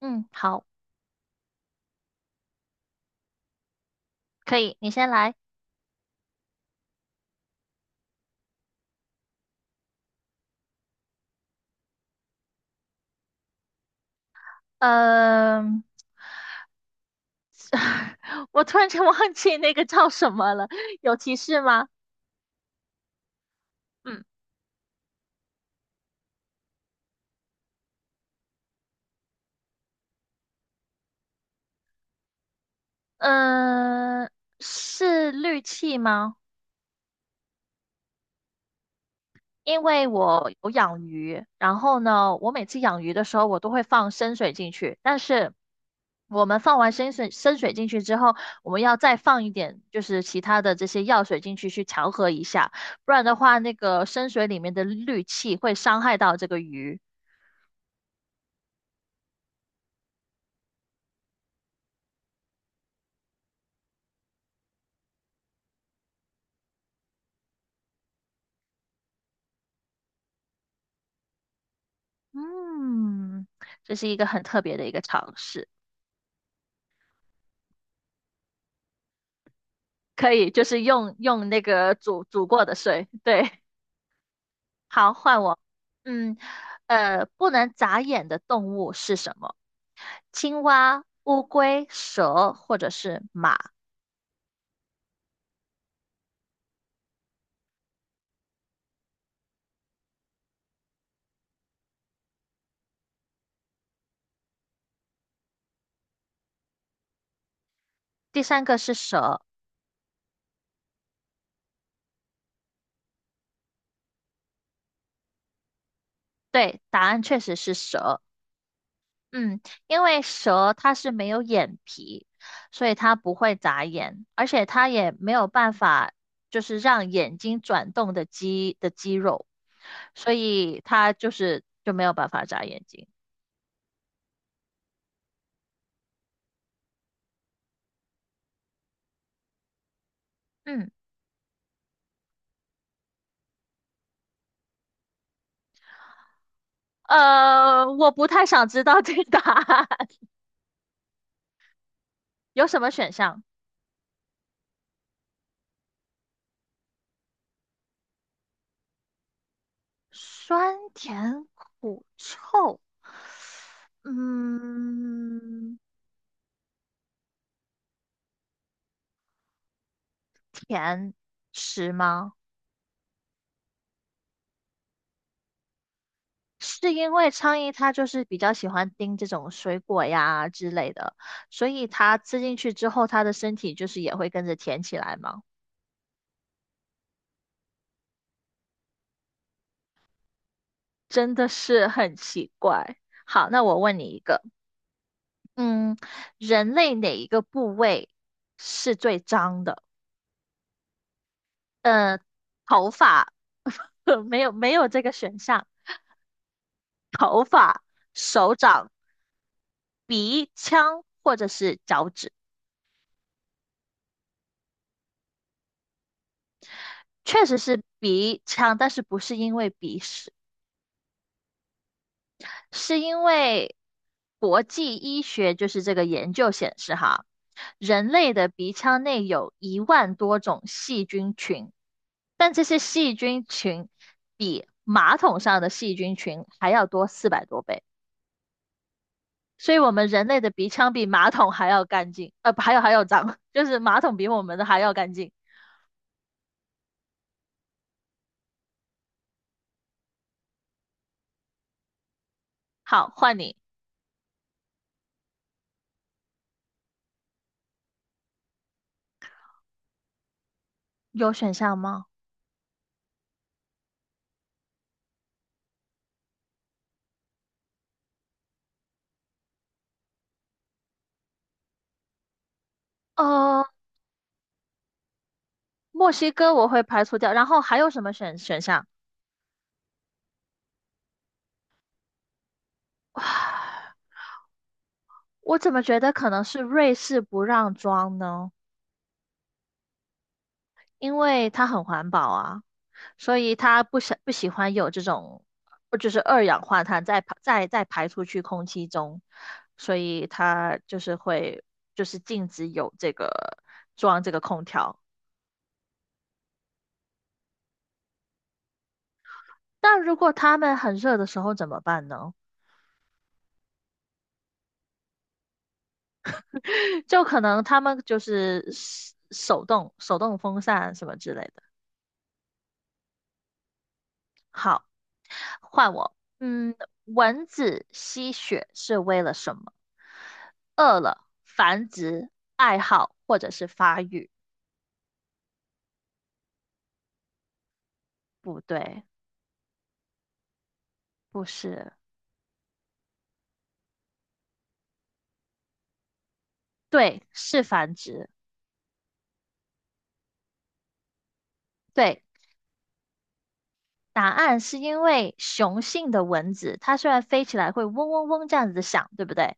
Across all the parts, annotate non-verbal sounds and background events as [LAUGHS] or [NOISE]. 嗯，好，可以，你先来。嗯、[LAUGHS] 我突然间忘记那个叫什么了，有提示吗？嗯嗯、是氯气吗？因为我有养鱼，然后呢，我每次养鱼的时候，我都会放生水进去，但是我们放完生水进去之后，我们要再放一点，就是其他的这些药水进去调和一下，不然的话，那个生水里面的氯气会伤害到这个鱼。嗯，这是一个很特别的一个尝试，可以就是用那个煮过的水，对，好，换我。嗯，不能眨眼的动物是什么？青蛙、乌龟、蛇或者是马？第三个是蛇。对，答案确实是蛇。嗯，因为蛇它是没有眼皮，所以它不会眨眼，而且它也没有办法就是让眼睛转动的肌肉，所以它就没有办法眨眼睛。嗯，我不太想知道这个答案，[LAUGHS] 有什么选项？酸甜苦臭，嗯，甜食吗？是因为苍蝇它就是比较喜欢叮这种水果呀之类的，所以它吃进去之后，它的身体就是也会跟着甜起来嘛，真的是很奇怪。好，那我问你一个。嗯，人类哪一个部位是最脏的？呃，头发，[LAUGHS] 没有这个选项，手掌、鼻腔或者是脚趾，确实是鼻腔，但是不是因为鼻屎。是因为国际医学就是这个研究显示哈，人类的鼻腔内有10,000多种细菌群，但这些细菌群比马桶上的细菌群还要多400多倍，所以我们人类的鼻腔比马桶还要干净，呃，不还有脏，[LAUGHS] 就是马桶比我们的还要干净。好，换你，有选项吗？呃，墨西哥我会排除掉，然后还有什么选项？[SIGHS] 我怎么觉得可能是瑞士不让装呢？因为它很环保啊，所以它不喜欢有这种，就是二氧化碳再排出去空气中，所以它就是会就是禁止有这个装这个空调。但如果他们很热的时候怎么办呢？[LAUGHS] 就可能他们就是手动风扇什么之类的。好，换我。嗯，蚊子吸血是为了什么？饿了、繁殖、爱好或者是发育？不对，不是，对，是繁殖。对，答案是因为雄性的蚊子，它虽然飞起来会嗡嗡嗡这样子的响，对不对？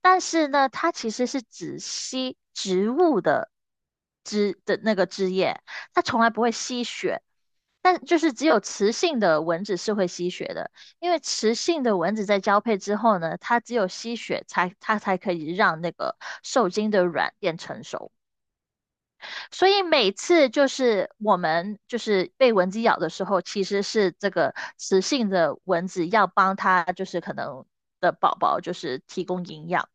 但是呢，它其实是只吸植物的那个枝叶，它从来不会吸血。但就是只有雌性的蚊子是会吸血的，因为雌性的蚊子在交配之后呢，它只有吸血才它才可以让那个受精的卵变成熟。所以每次就是我们就是被蚊子咬的时候，其实是这个雌性的蚊子要帮它，就是可能的宝宝就是提供营养。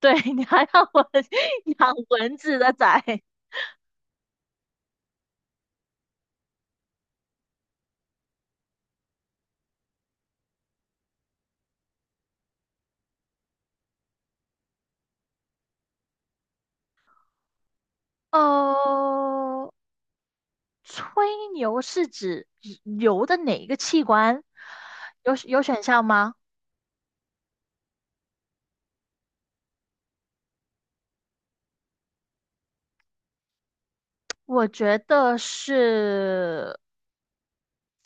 对，[LAUGHS] 你还要我 [LAUGHS] 养蚊子的崽？哦，吹牛是指牛的哪一个器官？有选项吗？我觉得是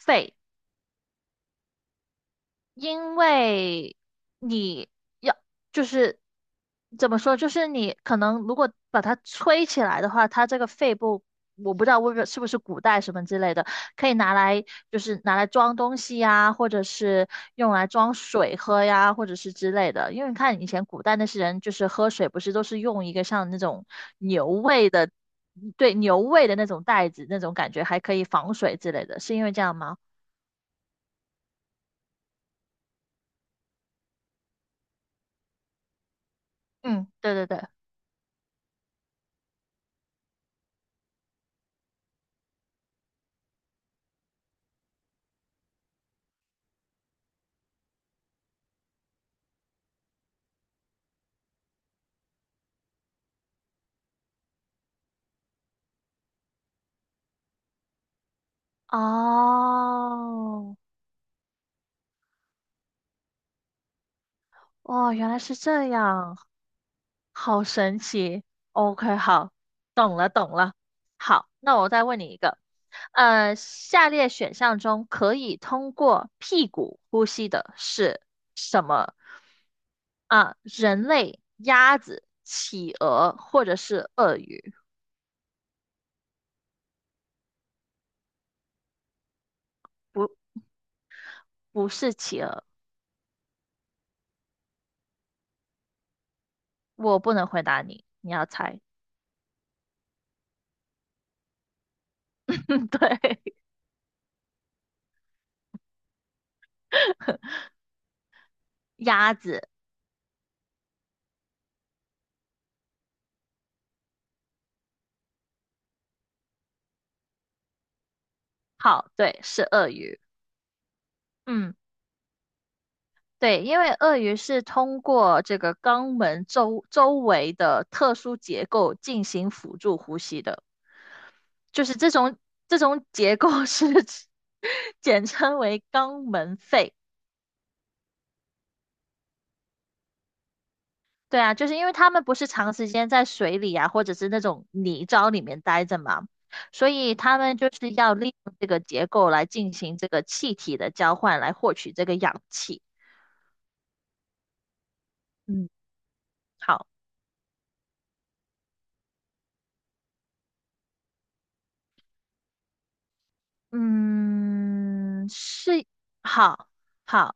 肺。因为你要就是怎么说，就是你可能如果把它吹起来的话，它这个肺部我不知道为什是不是古代什么之类的，可以拿来就是拿来装东西呀，或者是用来装水喝呀，或者是之类的。因为你看以前古代那些人就是喝水不是都是用一个像那种牛胃的，对，牛胃的那种袋子，那种感觉还可以防水之类的，是因为这样吗？嗯，对对对。哦，哦，原来是这样，好神奇。OK，好，懂了，懂了。好，那我再问你一个。下列选项中可以通过屁股呼吸的是什么？啊，人类、鸭子、企鹅或者是鳄鱼？不，不是企鹅，我不能回答你，你要猜。[LAUGHS] 对，鸭子，好，对，是鳄鱼。嗯。对，因为鳄鱼是通过这个肛门周围的特殊结构进行辅助呼吸的，就是这种结构是 [LAUGHS] 简称为肛门肺。对啊，就是因为它们不是长时间在水里啊，或者是那种泥沼里面待着嘛，所以它们就是要利用这个结构来进行这个气体的交换，来获取这个氧气。嗯，好，嗯，是，好。好，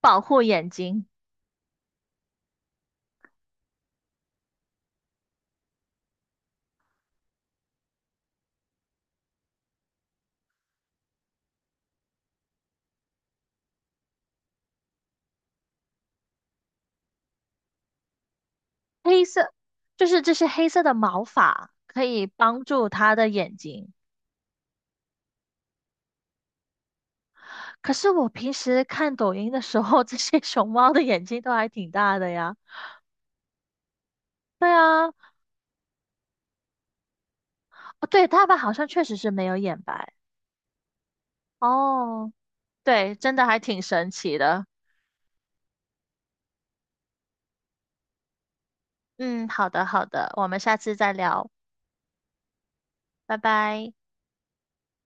保护眼睛。黑色就是这些黑色的毛发可以帮助它的眼睛。可是我平时看抖音的时候，[LAUGHS] 这些熊猫的眼睛都还挺大的呀。对啊，哦，对，它们好像确实是没有眼白。哦，对，真的还挺神奇的。嗯，好的，好的，我们下次再聊，拜拜。